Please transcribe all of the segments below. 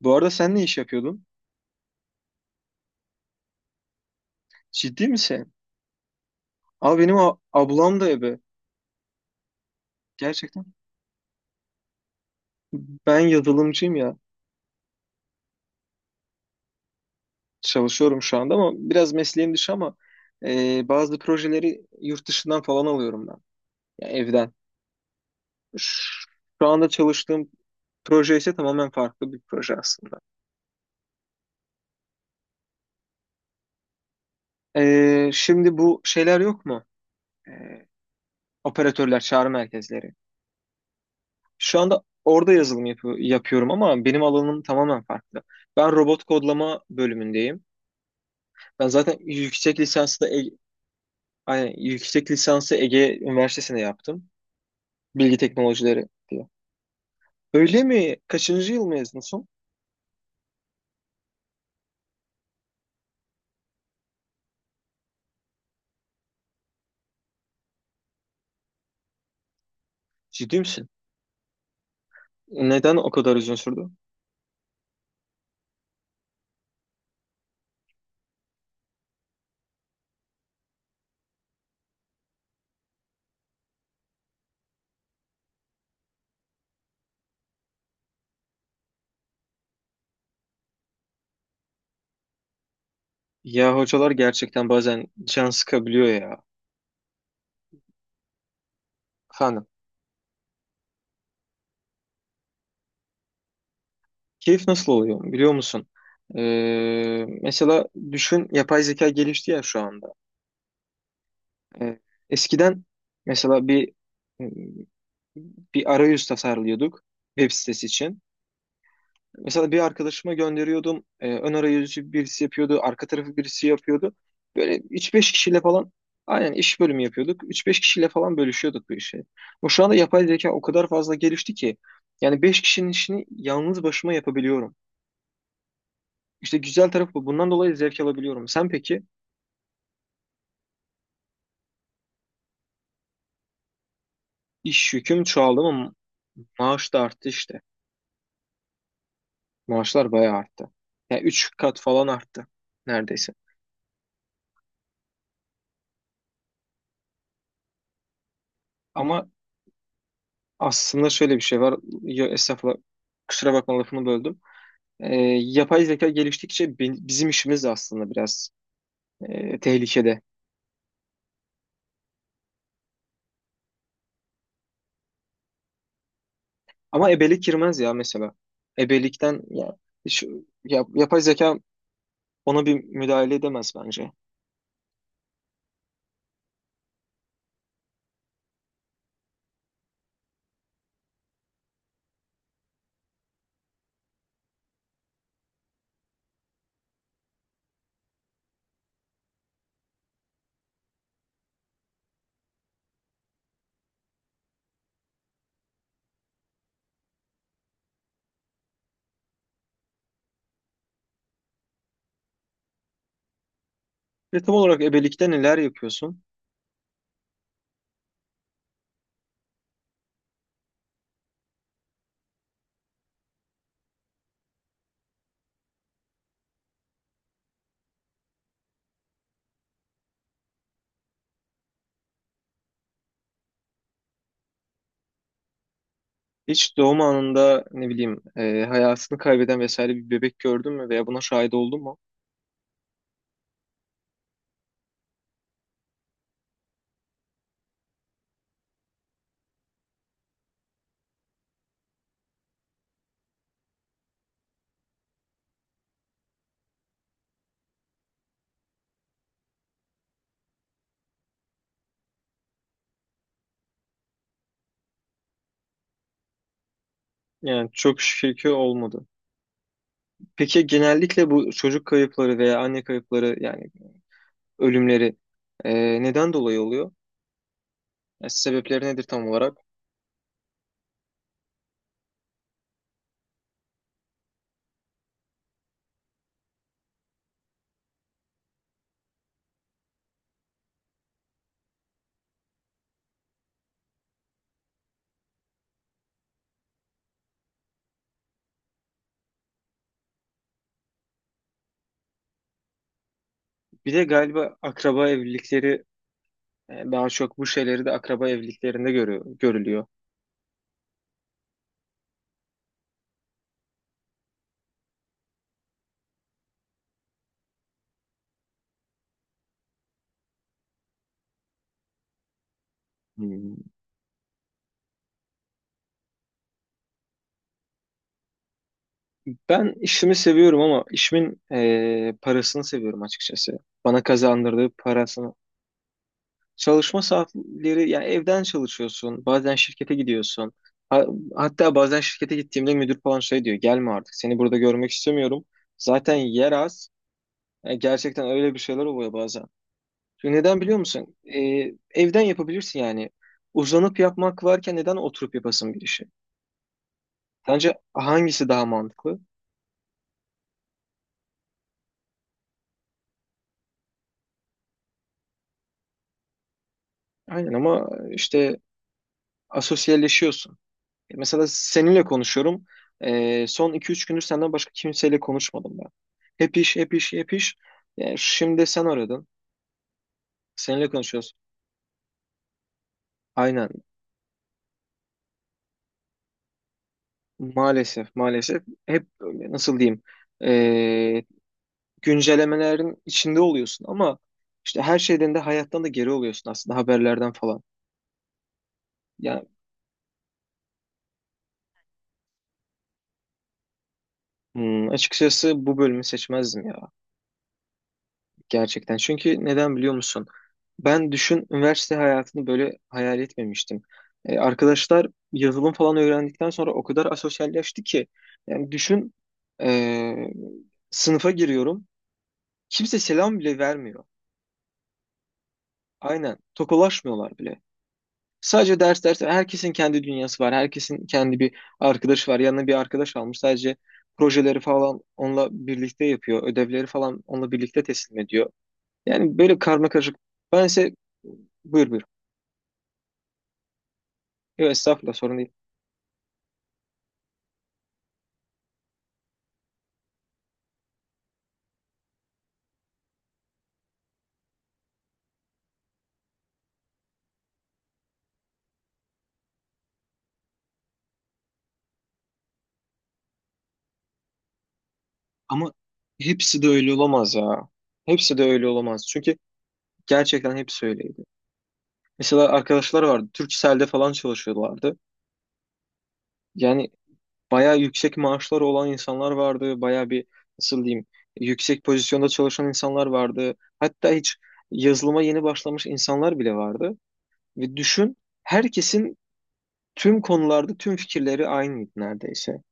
Bu arada sen ne iş yapıyordun? Ciddi misin? Abi benim ablam da ebe. Gerçekten. Ben yazılımcıyım ya. Çalışıyorum şu anda ama biraz mesleğim dışı ama bazı projeleri yurt dışından falan alıyorum ben. Ya evden. Ş- Şu anda çalıştığım proje ise tamamen farklı bir proje aslında. Şimdi bu şeyler yok mu? E, Operatörler, çağrı merkezleri. Şu anda orada yapıyorum ama benim alanım tamamen farklı. Ben robot kodlama bölümündeyim. Ben zaten yüksek lisansı da Ege- aynen, yüksek lisansı Ege Üniversitesi'ne yaptım. Bilgi teknolojileri diye. Öyle mi? Kaçıncı yıl mezunusun? Ciddi misin? Neden o kadar uzun sürdü? Ya hocalar gerçekten bazen can sıkabiliyor ya. Efendim, keyif nasıl oluyor biliyor musun? Mesela düşün yapay zeka gelişti ya şu anda. Ee, eskiden mesela bir arayüz tasarlıyorduk web sitesi için. Mesela bir arkadaşıma gönderiyordum. Ön arayüzü birisi yapıyordu. Arka tarafı birisi yapıyordu. Böyle üç beş kişiyle falan aynen iş bölümü yapıyorduk. Üç beş kişiyle falan bölüşüyorduk bu işi. Bu şu anda yapay zeka o kadar fazla gelişti ki yani 5 kişinin işini yalnız başıma yapabiliyorum. İşte güzel tarafı bu. Bundan dolayı zevk alabiliyorum. Sen peki iş yüküm çoğaldı mı? Maaş da arttı işte. Maaşlar bayağı arttı. Yani 3 kat falan arttı neredeyse. Ama Aslında şöyle bir şey var. Ya, estağfurullah. Kusura bakma lafını böldüm. Ee, yapay zeka geliştikçe bizim işimiz de aslında biraz tehlikede. Ama ebelik girmez ya mesela. Ebelikten ya, şu, yapay zeka ona bir müdahale edemez bence. Ve tam olarak ebelikte neler yapıyorsun? Hiç doğum anında ne bileyim hayatını kaybeden vesaire bir bebek gördün mü veya buna şahit oldun mu? Yani çok şükür ki olmadı. Peki genellikle bu çocuk kayıpları veya anne kayıpları yani ölümleri neden dolayı oluyor? Yani sebepleri nedir tam olarak? Bir de galiba akraba evlilikleri daha çok bu şeyleri de akraba evliliklerinde görüyor, görülüyor. Hmm. Ben işimi seviyorum ama işimin parasını seviyorum açıkçası. Bana kazandırdığı parasını. Çalışma saatleri yani evden çalışıyorsun, bazen şirkete gidiyorsun. Ha- hatta bazen şirkete gittiğimde müdür falan şey diyor, gelme artık seni burada görmek istemiyorum. Zaten yer az. Gerçekten öyle bir şeyler oluyor bazen. Çünkü neden biliyor musun? Evden yapabilirsin yani. Uzanıp yapmak varken neden oturup yapasın bir işi? Sence hangisi daha mantıklı? Aynen ama işte asosyalleşiyorsun. E, mesela seninle konuşuyorum. Son iki üç gündür senden başka kimseyle konuşmadım ben. Hep iş, hep iş, hep iş. Yani şimdi sen aradın. Seninle konuşuyoruz. Aynen. Maalesef, maalesef. Hep nasıl diyeyim? Ee, güncellemelerin içinde oluyorsun ama işte her şeyden de hayattan da geri oluyorsun aslında haberlerden falan. Yani hmm, açıkçası bu bölümü seçmezdim ya gerçekten. Çünkü neden biliyor musun? Ben düşün üniversite hayatını böyle hayal etmemiştim. Arkadaşlar yazılım falan öğrendikten sonra o kadar asosyalleşti ki yani düşün e, sınıfa giriyorum kimse selam bile vermiyor. Aynen tokalaşmıyorlar bile. Sadece ders ders. Herkesin kendi dünyası var. Herkesin kendi bir arkadaşı var. Yanına bir arkadaş almış. Sadece projeleri falan onunla birlikte yapıyor. Ödevleri falan onunla birlikte teslim ediyor. Yani böyle karma karışık. Ben ise buyur buyur. Yok estağfurullah sorun değil. Ama hepsi de öyle olamaz ya. Hepsi de öyle olamaz. Çünkü gerçekten hepsi öyleydi. Mesela arkadaşlar vardı. Turkcell'de falan çalışıyorlardı. Yani bayağı yüksek maaşları olan insanlar vardı. Bayağı bir nasıl diyeyim yüksek pozisyonda çalışan insanlar vardı. Hatta hiç yazılıma yeni başlamış insanlar bile vardı. Ve düşün herkesin tüm konularda tüm fikirleri aynıydı neredeyse.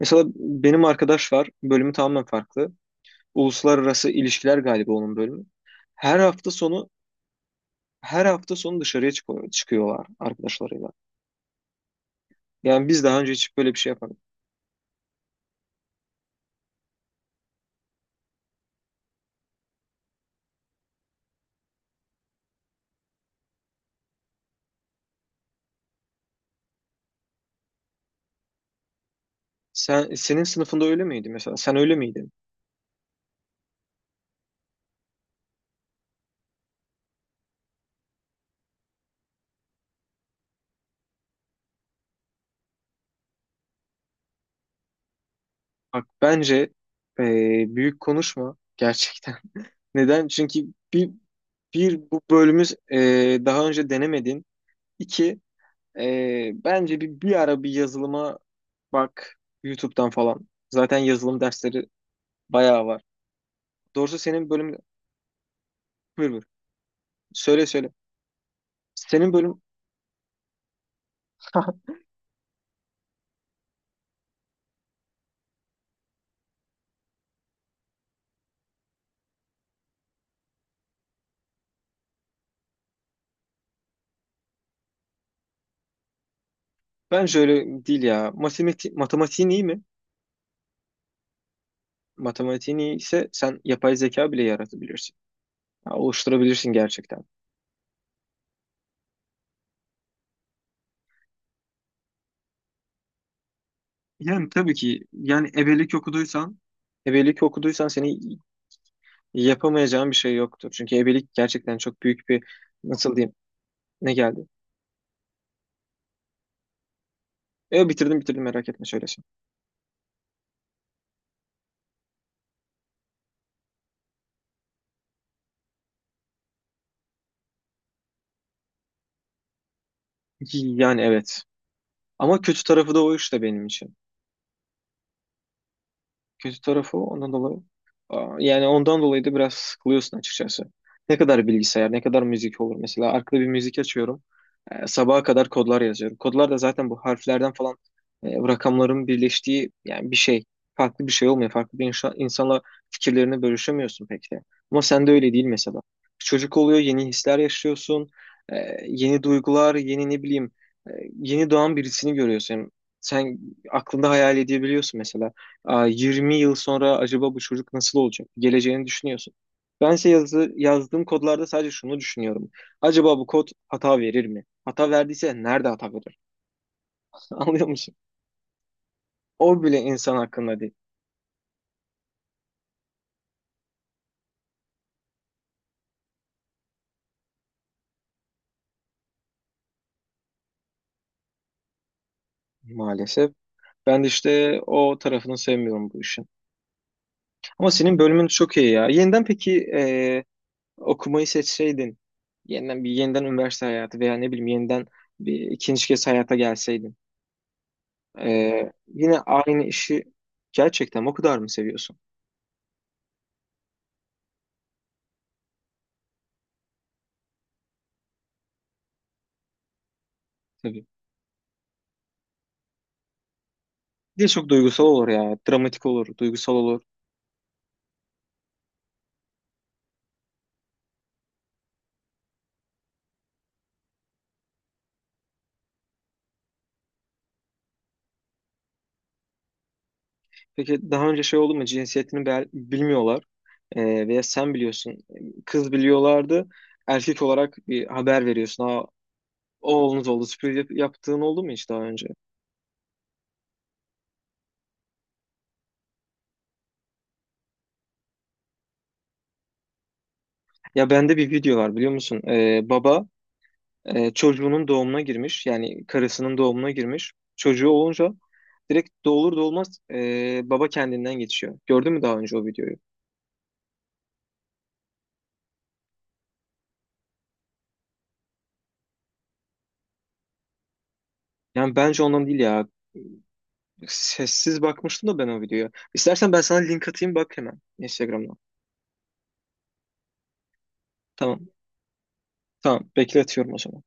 Mesela benim arkadaş var. Bölümü tamamen farklı. Uluslararası ilişkiler galiba onun bölümü. Her hafta sonu her hafta sonu dışarıya çıkıyor, çıkıyorlar arkadaşlarıyla. Yani biz daha önce hiç böyle bir şey yapmadık. Senin sınıfında öyle miydi mesela? Sen öyle miydin? Bak bence büyük konuşma gerçekten. Neden? Çünkü bir, bir bu bölümümüz daha önce denemedin. İki bence bir ara bir yazılıma bak YouTube'dan falan. Zaten yazılım dersleri bayağı var. Doğrusu senin bölüm buyur buyur. Söyle söyle. Senin bölüm bence öyle değil ya. Matematiğin iyi mi? Matematiğin iyi ise sen yapay zeka bile yaratabilirsin. Ya, oluşturabilirsin gerçekten. Yani tabii ki yani ebelik okuduysan seni yapamayacağın bir şey yoktur. Çünkü ebelik gerçekten çok büyük bir nasıl diyeyim ne geldi? E bitirdim bitirdim merak etme şöyle şey. Yani evet. Ama kötü tarafı da o işte benim için. Kötü tarafı o, ondan dolayı. Aa, yani ondan dolayı da biraz sıkılıyorsun açıkçası. Ne kadar bilgisayar, ne kadar müzik olur. Mesela arkada bir müzik açıyorum. Sabaha kadar kodlar yazıyorum. Kodlar da zaten bu harflerden falan rakamların birleştiği yani bir şey. Farklı bir şey olmuyor. Farklı bir insanla fikirlerini bölüşemiyorsun pek de. Ama sende öyle değil mesela. Çocuk oluyor, yeni hisler yaşıyorsun. Ee, yeni duygular, yeni ne bileyim, e, yeni doğan birisini görüyorsun. Sen aklında hayal edebiliyorsun mesela. Aa, 20 yıl sonra acaba bu çocuk nasıl olacak? Geleceğini düşünüyorsun. Bense yazdığım kodlarda sadece şunu düşünüyorum. Acaba bu kod hata verir mi? Hata verdiyse nerede hata verir? Anlıyor musun? O bile insan hakkında değil maalesef. Ben de işte o tarafını sevmiyorum bu işin. Ama senin bölümün çok iyi ya. Yeniden peki okumayı seçseydin, yeniden üniversite hayatı veya ne bileyim yeniden bir ikinci kez hayata gelseydin, yine aynı işi gerçekten o kadar mı seviyorsun? Tabii. Bir de çok duygusal olur ya. Dramatik olur, duygusal olur. Peki daha önce şey oldu mu? Cinsiyetini bilmiyorlar. Veya sen biliyorsun. Kız biliyorlardı. Erkek olarak bir haber veriyorsun. Aa, oğlunuz oldu. Yaptığın oldu mu hiç daha önce? Ya bende bir video var biliyor musun? Baba çocuğunun doğumuna girmiş. Yani karısının doğumuna girmiş. Çocuğu olunca direkt doğulur doğulmaz baba kendinden geçiyor. Gördün mü daha önce o videoyu? Yani bence ondan değil ya. Sessiz bakmıştım da ben o videoya. İstersen ben sana link atayım bak hemen Instagram'dan. Tamam. Tamam. Bekletiyorum o zaman.